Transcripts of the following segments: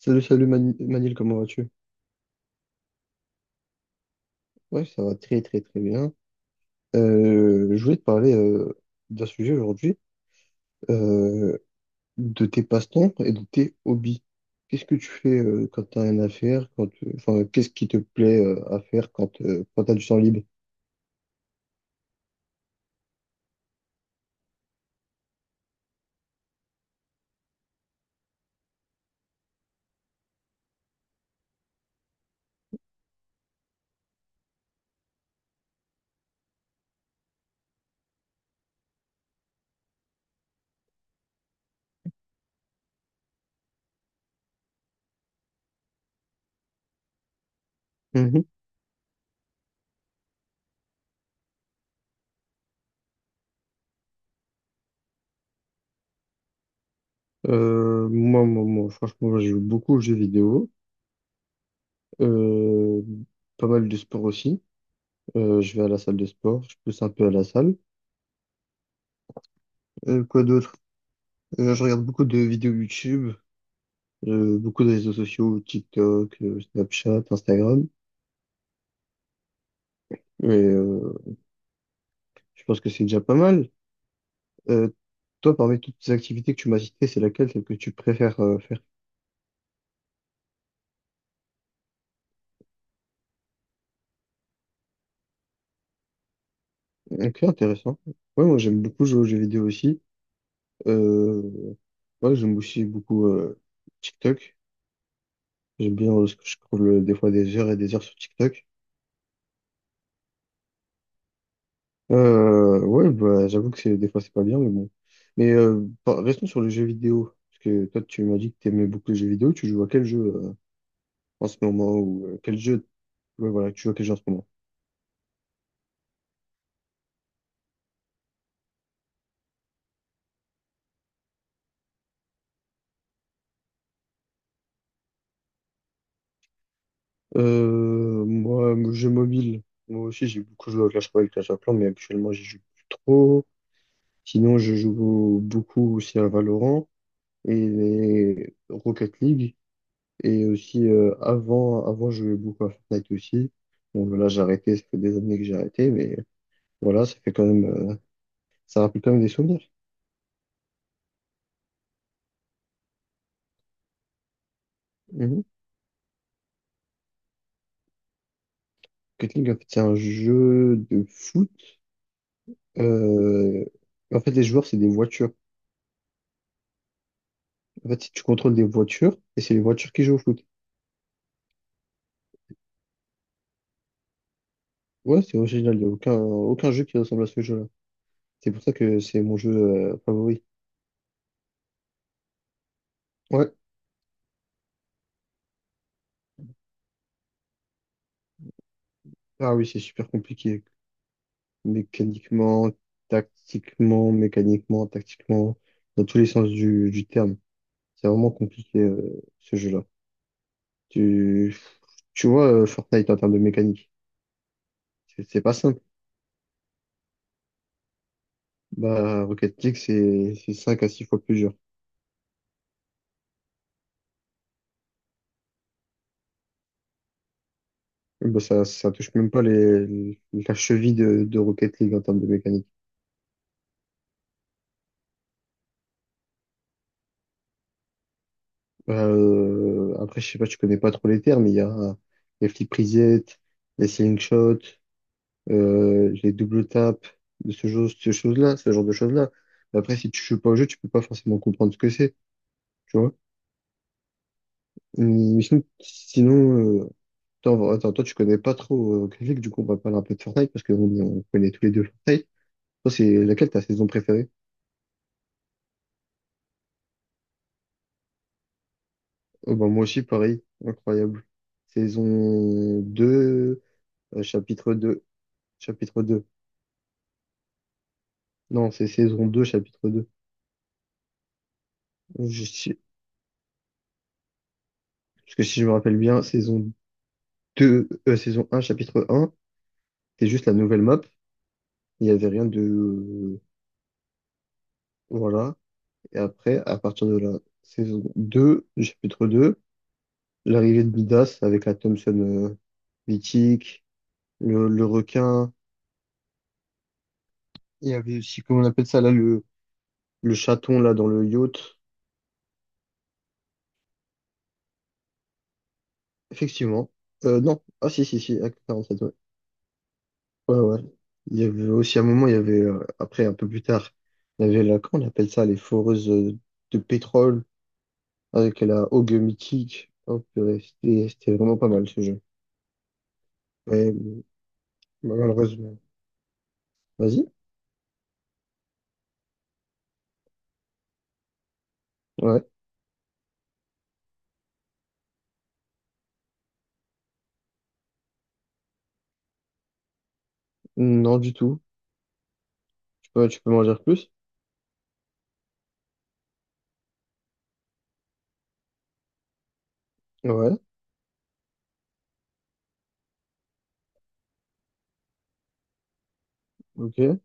Salut, salut Manil, comment vas-tu? Ouais, ça va très très très bien. Je voulais te parler d'un sujet aujourd'hui, euh, de tes passe-temps et de tes hobbies. Qu'est-ce que tu fais quand t'as rien à faire, enfin, qu'est-ce qui te plaît à faire quand, quand t'as du temps libre? Mhm. Franchement, moi, je joue beaucoup aux jeux vidéo, euh, pas mal de sport aussi. Je vais à la salle de sport, je pousse un peu à la salle. Quoi d'autre? Je regarde beaucoup de vidéos YouTube, beaucoup de réseaux sociaux, TikTok, Snapchat, Instagram. Et je pense que c'est déjà pas mal. Euh, Toi, parmi toutes ces activités que tu m'as citées, c'est laquelle, celle que tu préfères faire? Ok, intéressant. Ouais, moi j'aime beaucoup jouer aux jeux vidéo aussi. Euh, ouais, j'aime aussi beaucoup TikTok. J'aime bien ce que je trouve des fois des heures et des heures sur TikTok. Ouais, bah, j'avoue que c'est des fois c'est pas bien, mais bon. Mais restons sur les jeux vidéo. Parce que toi, tu m'as dit que tu aimais beaucoup les jeux vidéo. Tu joues à quel jeu en ce moment ou quel jeu Ouais, voilà, que tu joues à quel jeu en ce moment. Moi, mon jeu mobile, moi aussi j'ai beaucoup joué à Clash Royale, Clash of Clans, mais actuellement j'y joue plus trop. Sinon, je joue beaucoup aussi à Valorant et Rocket League. Et aussi, avant, je jouais beaucoup à Fortnite aussi. Bon, là, j'ai arrêté, ça fait des années que j'ai arrêté, mais voilà, ça fait quand même, ça rappelle quand même des souvenirs. Mhm. Rocket League, en fait, c'est un jeu de foot. Euh, En fait, les joueurs, c'est des voitures. En fait, si tu contrôles des voitures, et c'est les voitures qui jouent au foot. Ouais, c'est original, il n'y a aucun jeu qui ressemble à ce jeu-là. C'est pour ça que c'est mon jeu favori. Ouais, ah oui, c'est super compliqué. Mécaniquement, mécaniquement, tactiquement, dans tous les sens du terme. C'est vraiment compliqué ce jeu-là. Tu, tu vois, Fortnite en termes de mécanique, c'est pas simple. Bah, Rocket League, c'est 5 à 6 fois plus dur. Bah, ça touche même pas la cheville de Rocket League en termes de mécanique. Après, je sais pas, tu connais pas trop les termes, mais il y a les flip reset, les ceiling shots, les double taps, de ce genre, ce chose-là, ce genre de choses-là. Mais après, si tu joues pas au jeu, tu peux pas forcément comprendre ce que c'est, tu vois. Mais sinon, attends, attends, toi, tu connais pas trop Grizzly, du coup, on va parler un peu de Fortnite, parce qu'on connaît tous les deux Fortnite. Toi, c'est laquelle ta saison préférée? Oh, ben, moi aussi, pareil, incroyable. Saison deux, chapitre deux. chapitre 2 Non, c'est saison 2, chapitre 2. Je sais- Parce que si je me rappelle bien, saison un, chapitre un, c'est juste la nouvelle map. Il n'y avait rien de... Voilà. Et après, à partir de la saison 2, du chapitre 2, l'arrivée de Midas avec la Thompson mythique, le requin. Il y avait aussi, comment on appelle ça là, le chaton là dans le yacht. Effectivement. Non. Ah si, si, si, Acte 47. Ouais, ouais. Il y avait aussi à un moment, il y avait, après, un peu plus tard, il y avait comment on appelle ça, les foreuses de pétrole avec la Haugue mythique. Oh, purée, c'était vraiment pas mal ce jeu. Mais malheureusement. Vas-y. Ouais. Non, du tout. Tu peux m'en dire plus? Ouais. Ok.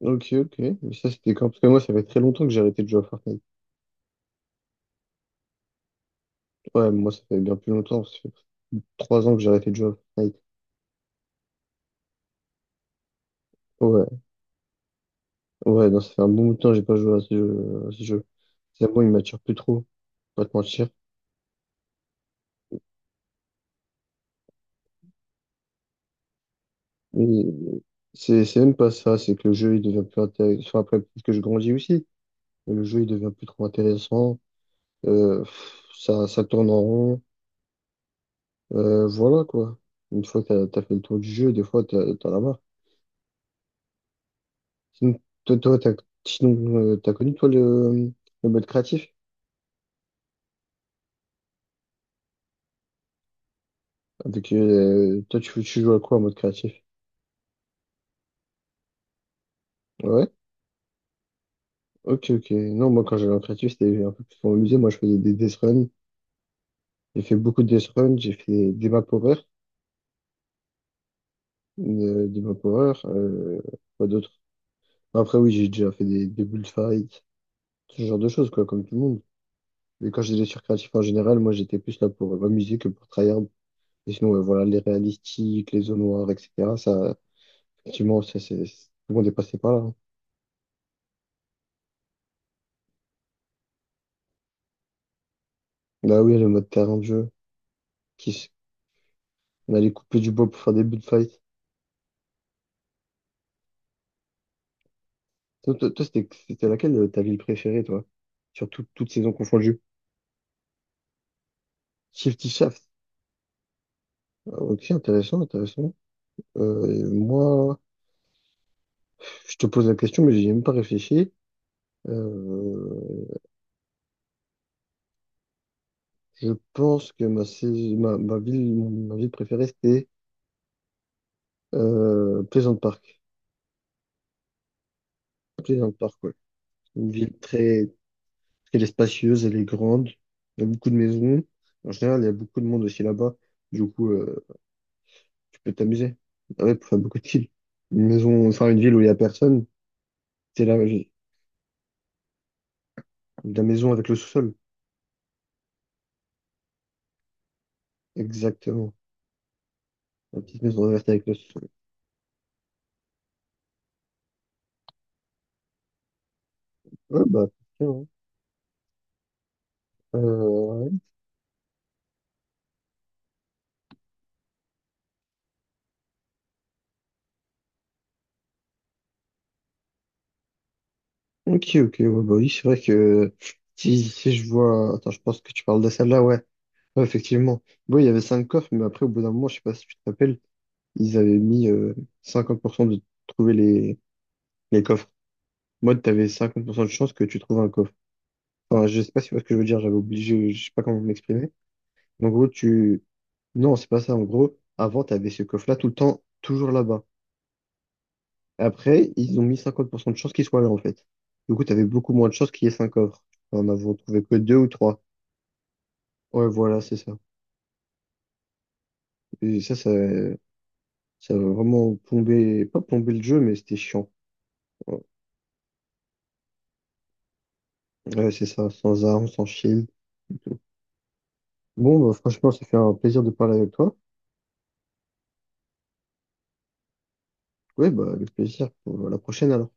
Ok, ok. Mais ça, c'était quand? Parce que moi, ça fait très longtemps que j'ai arrêté de jouer à Fortnite. Ouais, moi, ça fait bien plus longtemps. Ça fait 3 ans que j'ai arrêté de jouer à Fortnite. Ouais. Ouais, non, ça fait un bon bout de temps que j'ai pas joué à ce jeu. C'est bon, il m'attire plus trop, pas te mentir. Mais c'est même pas ça, c'est que le jeu il devient plus intéressant. Enfin, après, peut-être que je grandis aussi, mais le jeu il devient plus trop intéressant. Pff, ça tourne en rond. Voilà quoi. Une fois que t'as fait le tour du jeu, des fois t'en as marre. Sinon, toi, t'as connu toi le mode créatif? Toi, tu joues à quoi en mode créatif? Ouais. Ok, ok. Non, moi, quand j'allais en créatif, c'était un peu plus pour musée. Moi, je faisais des death runs. J'ai fait beaucoup de death runs. J'ai fait des map horror, quoi d'autre? Après, oui, j'ai déjà fait des bullfights, ce genre de choses, quoi, comme tout le monde. Mais quand j'étais sur créatif en général, moi, j'étais plus là pour m'amuser que pour tryhard. Et sinon, ouais, voilà, les réalistiques, les zones noires, etc. Ça, effectivement, ça, c'est, tout le monde est passé par là, hein. Bah oui, le mode terrain de jeu, qui, s- on allait couper du bois pour faire des bullfights. Toi, c'était laquelle ta ville préférée, toi? Sur toutes saisons confondues. Shifty Shaft. Ah, ok, intéressant, intéressant. Moi, je te pose la question, mais j'y ai même pas réfléchi. Euh, je pense que ma, sais- ma, ma ville préférée, c'était Pleasant Park. Pleasant Park, ouais. Une ville très, très spacieuse, elle est grande. Il y a beaucoup de maisons. En général, il y a beaucoup de monde aussi là-bas. Du coup, tu peux t'amuser. Ah, ouais, pour faire beaucoup de chill. Une maison, enfin, une ville où il y a personne. C'est la maison avec le sous-sol. Exactement. La petite maison verte avec le sous-sol. Ouais, bah, tiens, ouais. Euh, ok, ok, ouais, bah oui, c'est vrai que si je vois. Attends, je pense que tu parles de celle-là, ouais. Ouais, effectivement. Bon, il y avait cinq coffres, mais après, au bout d'un moment, je sais pas si tu te rappelles, ils avaient mis 50% de trouver les coffres. Moi, t'avais 100 de chance que tu trouves un coffre. Enfin, je sais pas si tu vois ce que je veux dire, j'avais obligé, je sais pas comment m'exprimer. En gros, tu... Non, c'est pas ça. En gros, avant, tu avais ce coffre-là tout le temps, toujours là-bas. Après, ils ont mis 50% de chances qu'il soit là, en fait. Du coup, tu avais beaucoup moins de chances qu'il y ait 5 coffres. Enfin, on avait trouvé que deux ou trois. Ouais, voilà, c'est ça. Et ça a vraiment plombé, pas plombé le jeu, mais c'était chiant. Ouais, ouais, c'est ça, sans armes, sans shield, et tout. Bon, bah, franchement, ça fait un plaisir de parler avec toi. Ouais, bah, avec plaisir pour la prochaine alors.